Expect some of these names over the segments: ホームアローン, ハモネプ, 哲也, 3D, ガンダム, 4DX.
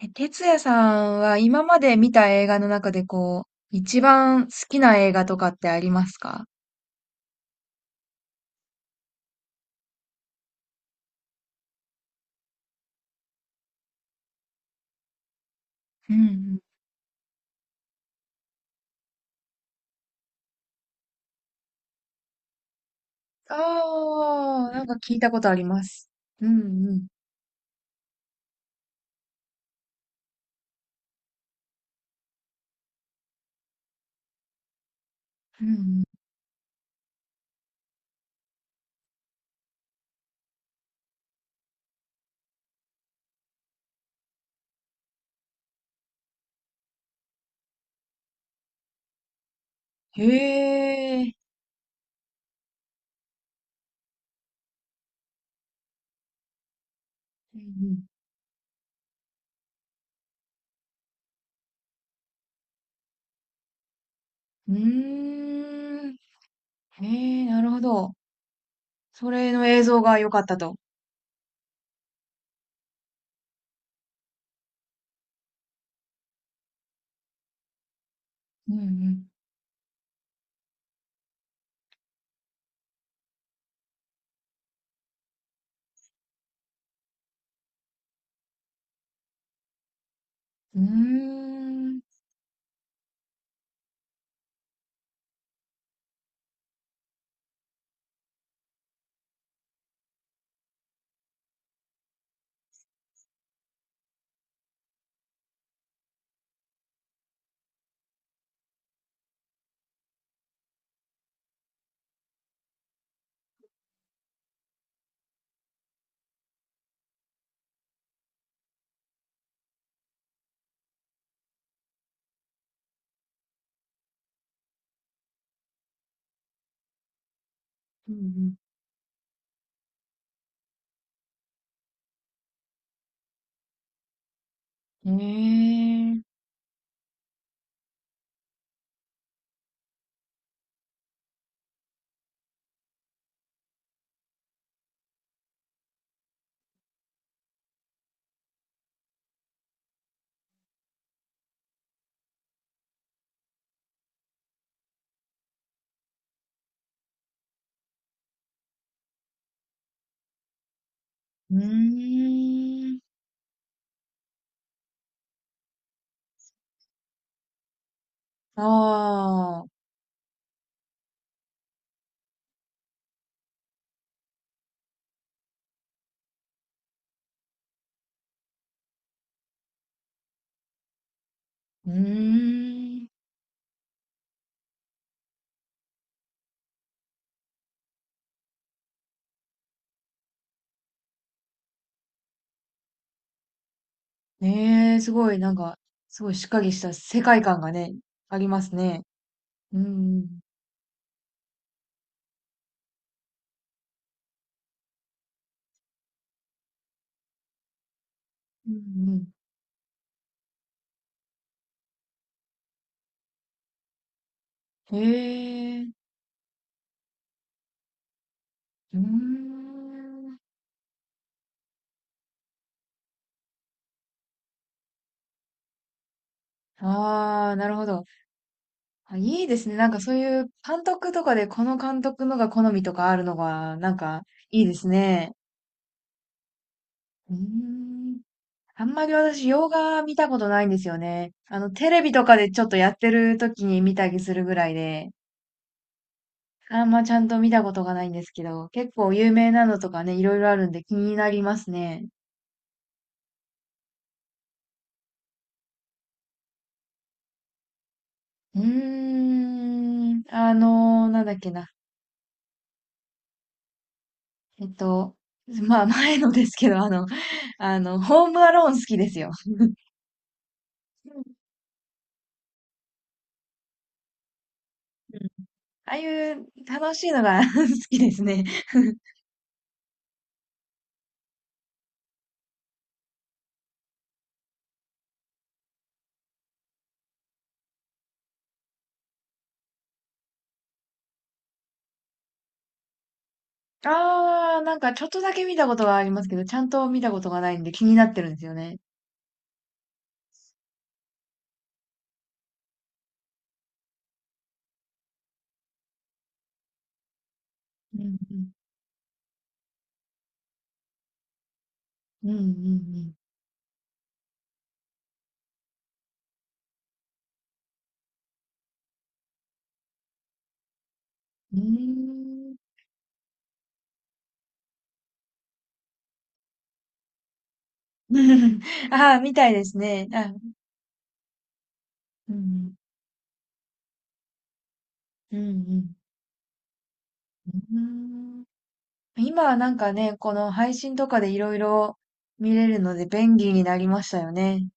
え、哲也さんは今まで見た映画の中でこう、一番好きな映画とかってありますか？うんうん。ああ、なんか聞いたことあります。うんうん。うんうん。へえ。うんうん。うーん。へえ、なるほど。それの映像が良かったと。うんうん。うーん。うんうん。へえ。うーん。ああ。うーん。ねえ、すごい、なんか、すごいしっかりした世界観がね、ありますね。うん、うん、うん。へえ、うーん。ああ、なるほど。あ、いいですね。なんかそういう監督とかでこの監督のが好みとかあるのが、なんかいいですね。うーん。あんまり私、洋画見たことないんですよね。あの、テレビとかでちょっとやってる時に見たりするぐらいで。あんまちゃんと見たことがないんですけど、結構有名なのとかね、いろいろあるんで気になりますね。うーん、あのーなんだっけな。えっと、まあ前のですけど、あの、あの、ホームアローン好きですよ。うんうんああいう楽しいのが 好きですね。あー、なんかちょっとだけ見たことがありますけど、ちゃんと見たことがないんで気になってるんですよね。うんうん。うんうんうん。うーん。あー、みたいですね。あ、うんうん。うんうん。うーん。今はなんかね、この配信とかでいろいろ見れるので便利になりましたよね。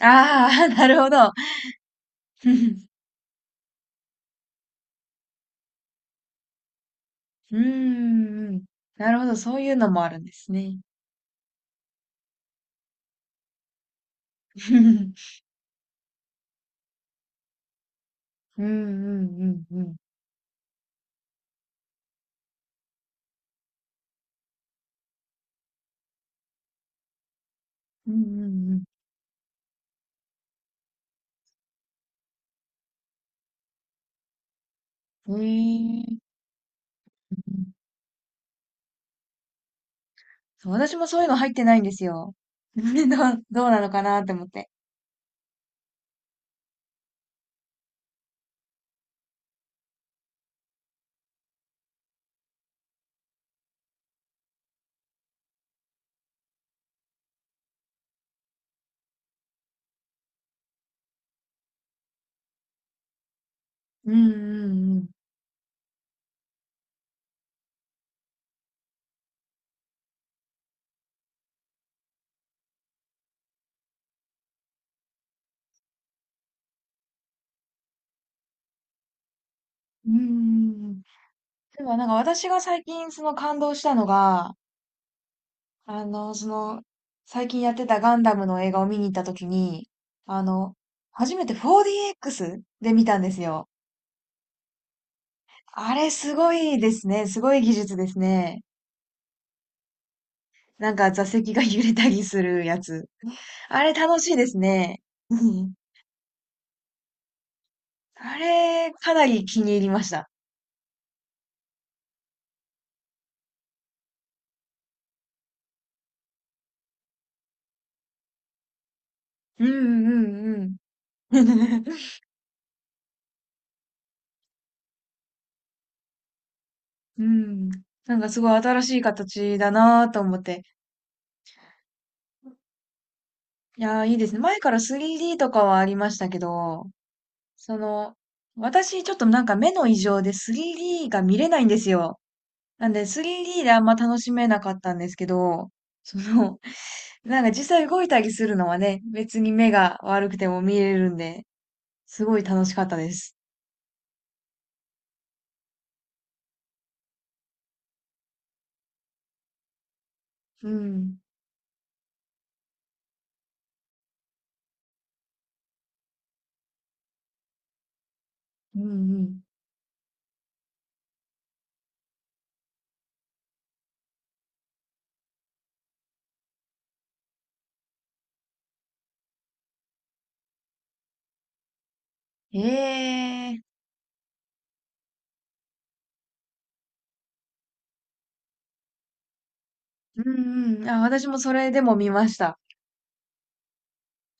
ああ、なるほど。うんうんうん。なるほど、そういうのもあるんですね。うんうんうんうん。うんうんうん。へえ。うん、そう、私もそういうの入ってないんですよ。どう、どうなのかなって思って。うんうんうん。うんうんうん。でもなんか私が最近その感動したのが、あの、その、最近やってたガンダムの映画を見に行ったときに、あの、初めて 4DX で見たんですよ。あれすごいですね。すごい技術ですね。なんか座席が揺れたりするやつ。あれ楽しいですね。うん、あれ、かなり気に入りました。うんうんうん。うん。なんかすごい新しい形だなぁと思って。いやー、いいですね。前から 3D とかはありましたけど、その、私ちょっとなんか目の異常で 3D が見れないんですよ。なんで 3D であんま楽しめなかったんですけど、その、なんか実際動いたりするのはね、別に目が悪くても見れるんで、すごい楽しかったです。うん。うんうん。ええうんうん。あ、私もそれでも見ました。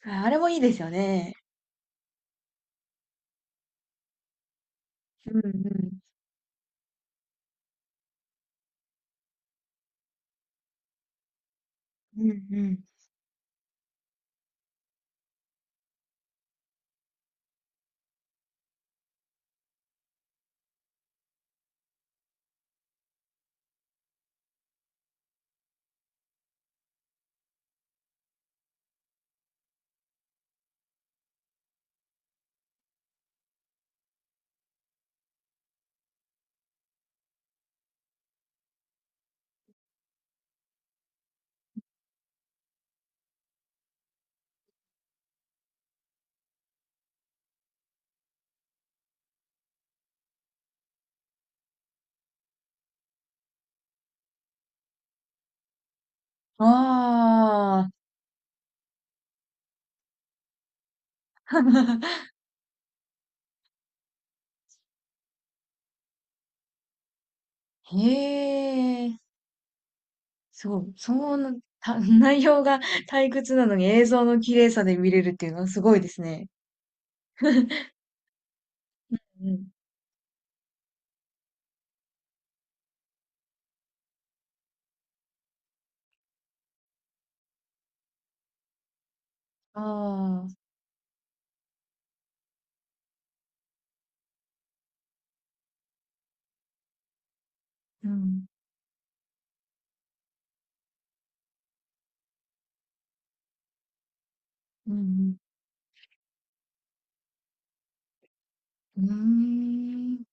ああれもいいですよね。うんうん。うんうん。ああ。へえ。内容が 退屈なのに映像の綺麗さで見れるっていうのはすごいですね。うん。ああ、うん、うん、うん。うーん。